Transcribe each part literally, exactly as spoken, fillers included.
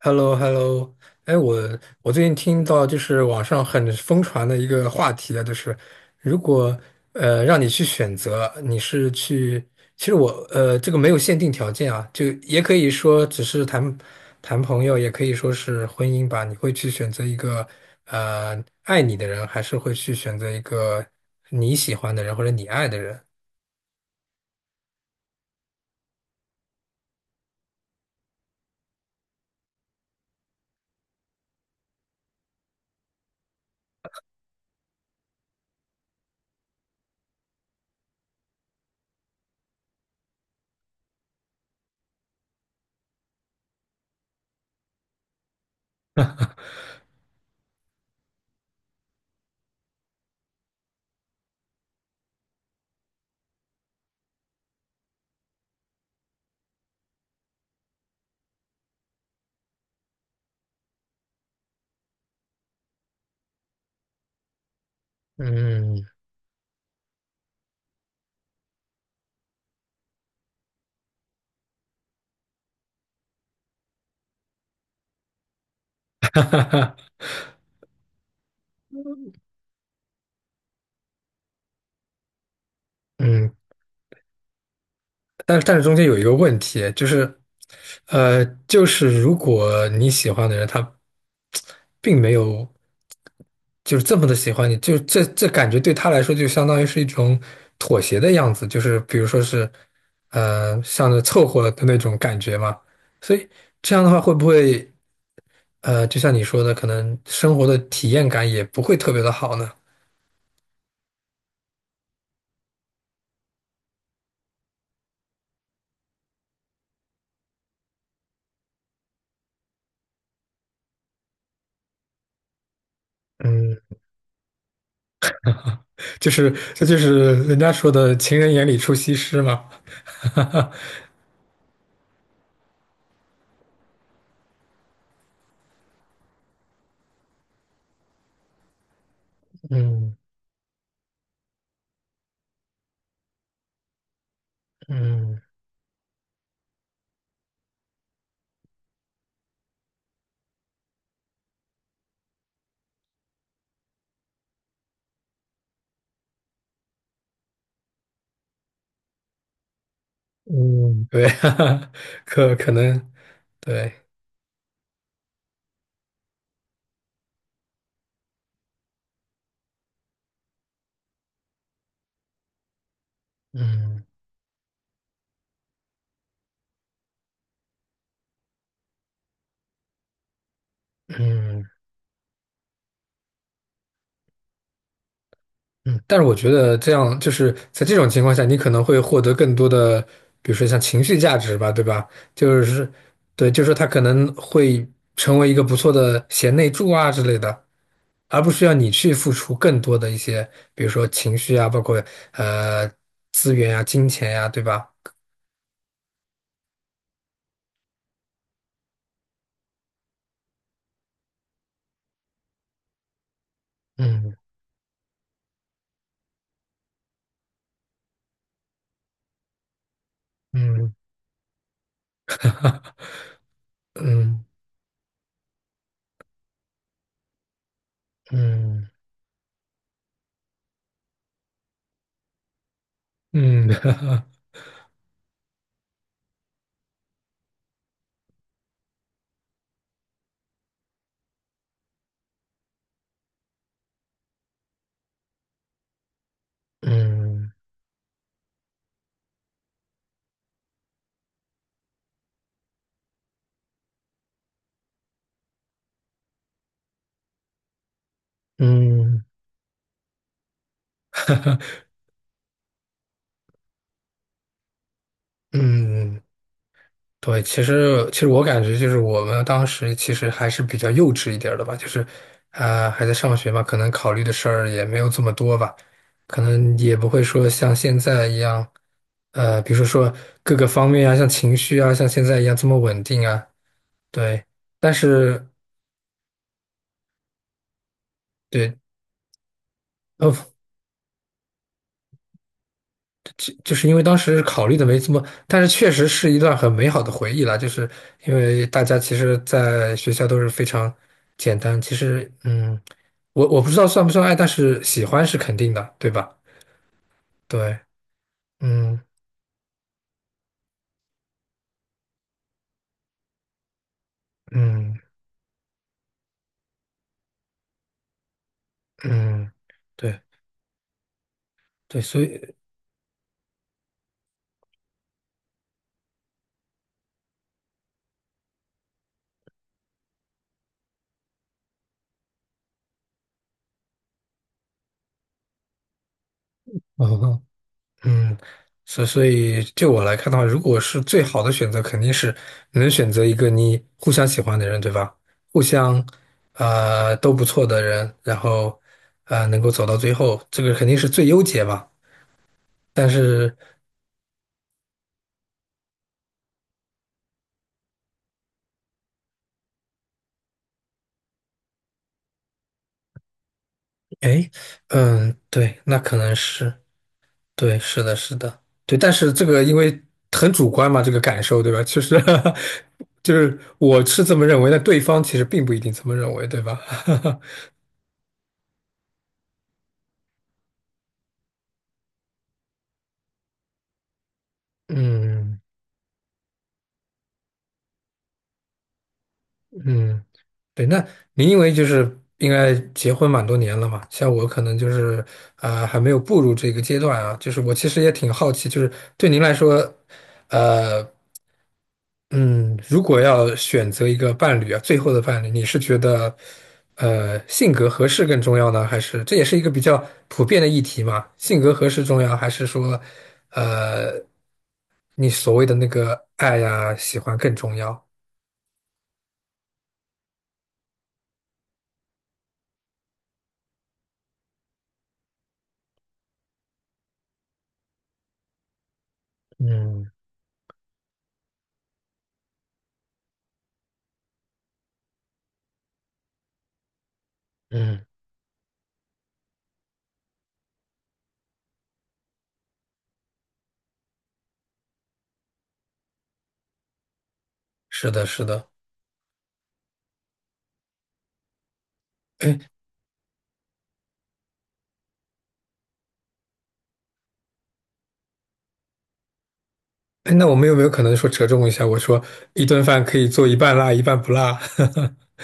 h e l l o h e l l o 哎，我我最近听到就是网上很疯传的一个话题啊，就是如果呃让你去选择，你是去，其实我呃这个没有限定条件啊，就也可以说只是谈谈朋友，也可以说是婚姻吧。你会去选择一个呃爱你的人，还是会去选择一个你喜欢的人或者你爱的人？嗯嗯，但是但是中间有一个问题，就是，呃，就是如果你喜欢的人他并没有就是这么的喜欢你，就这这感觉对他来说就相当于是一种妥协的样子，就是比如说是，呃，像是凑合的那种感觉嘛。所以这样的话会不会，呃，就像你说的，可能生活的体验感也不会特别的好呢？嗯，就是这就是人家说的“情人眼里出西施”嘛。嗯嗯。嗯，对，可可能对，嗯嗯嗯，但是我觉得这样就是在这种情况下，你可能会获得更多的，比如说像情绪价值吧，对吧？就是对，就是说他可能会成为一个不错的贤内助啊之类的，而不需要你去付出更多的一些，比如说情绪啊，包括呃资源啊、金钱呀、对吧？嗯嗯嗯嗯嗯嗯。嗯嗯嗯，对，其实其实我感觉就是我们当时其实还是比较幼稚一点儿的吧，就是啊、还在上学嘛，可能考虑的事儿也没有这么多吧，可能也不会说像现在一样，呃，比如说各个方面啊，像情绪啊，像现在一样这么稳定啊，对，但是对，呃就就是因为当时考虑的没这么，但是确实是一段很美好的回忆啦。就是因为大家其实，在学校都是非常简单。其实，嗯，我我不知道算不算爱，但是喜欢是肯定的，对吧？对，嗯嗯嗯，对对，所以，嗯。嗯，所所以就我来看的话，如果是最好的选择，肯定是你能选择一个你互相喜欢的人，对吧？互相啊都不错的人，然后啊能够走到最后，这个肯定是最优解吧。但是，哎，嗯，对，那可能是对，是的，是的，对。但是这个因为很主观嘛，这个感受，对吧？就是 就是我是这么认为，但对方其实并不一定这么认为，对吧？嗯嗯。对，那您因为就是应该结婚蛮多年了嘛，像我可能就是啊、呃还没有步入这个阶段啊，就是我其实也挺好奇，就是对您来说，呃嗯，如果要选择一个伴侣啊，最后的伴侣，你是觉得呃性格合适更重要呢，还是这也是一个比较普遍的议题嘛？性格合适重要，还是说呃你所谓的那个爱呀、喜欢更重要？嗯嗯，是的，是的。哎，那我们有没有可能说折中一下？我说一顿饭可以做一半辣，一半不辣。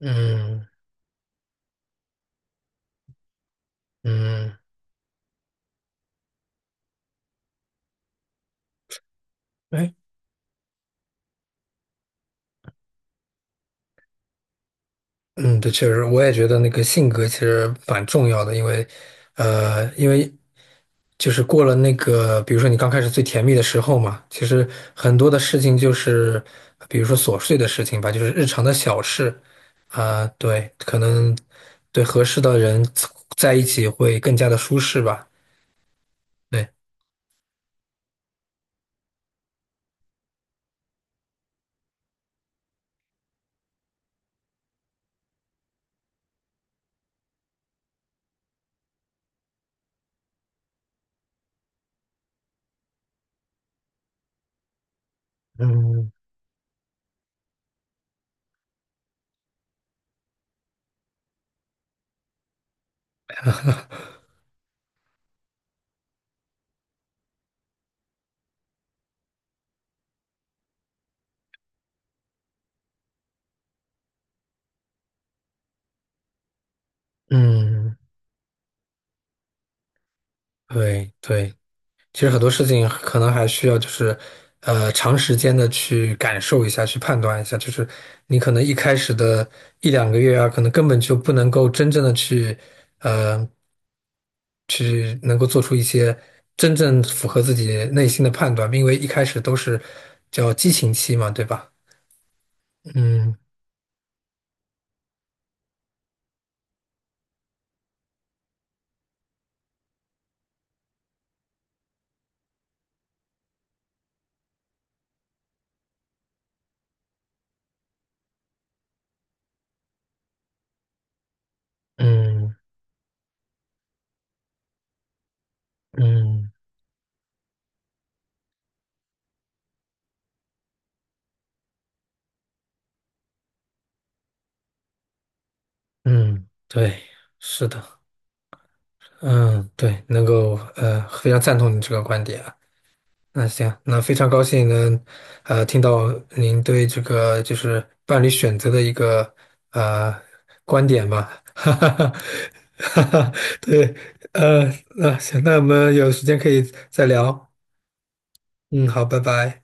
嗯嗯，哎，嗯，对，确实，我也觉得那个性格其实蛮重要的，因为，呃，因为就是过了那个，比如说你刚开始最甜蜜的时候嘛，其实很多的事情就是，比如说琐碎的事情吧，就是日常的小事，啊、对，可能对合适的人在一起会更加的舒适吧。对。嗯嗯，对对，其实很多事情可能还需要就是，呃，长时间的去感受一下，去判断一下。就是你可能一开始的一两个月啊，可能根本就不能够真正的去，呃，去能够做出一些真正符合自己内心的判断，因为一开始都是叫激情期嘛，对吧？嗯嗯嗯嗯，对，是的，嗯对，能够呃非常赞同你这个观点啊。那行，那非常高兴能，呃，听到您对这个就是伴侣选择的一个呃观点吧，哈哈哈，哈哈，对，呃，那行，那我们有时间可以再聊，嗯，好，拜拜。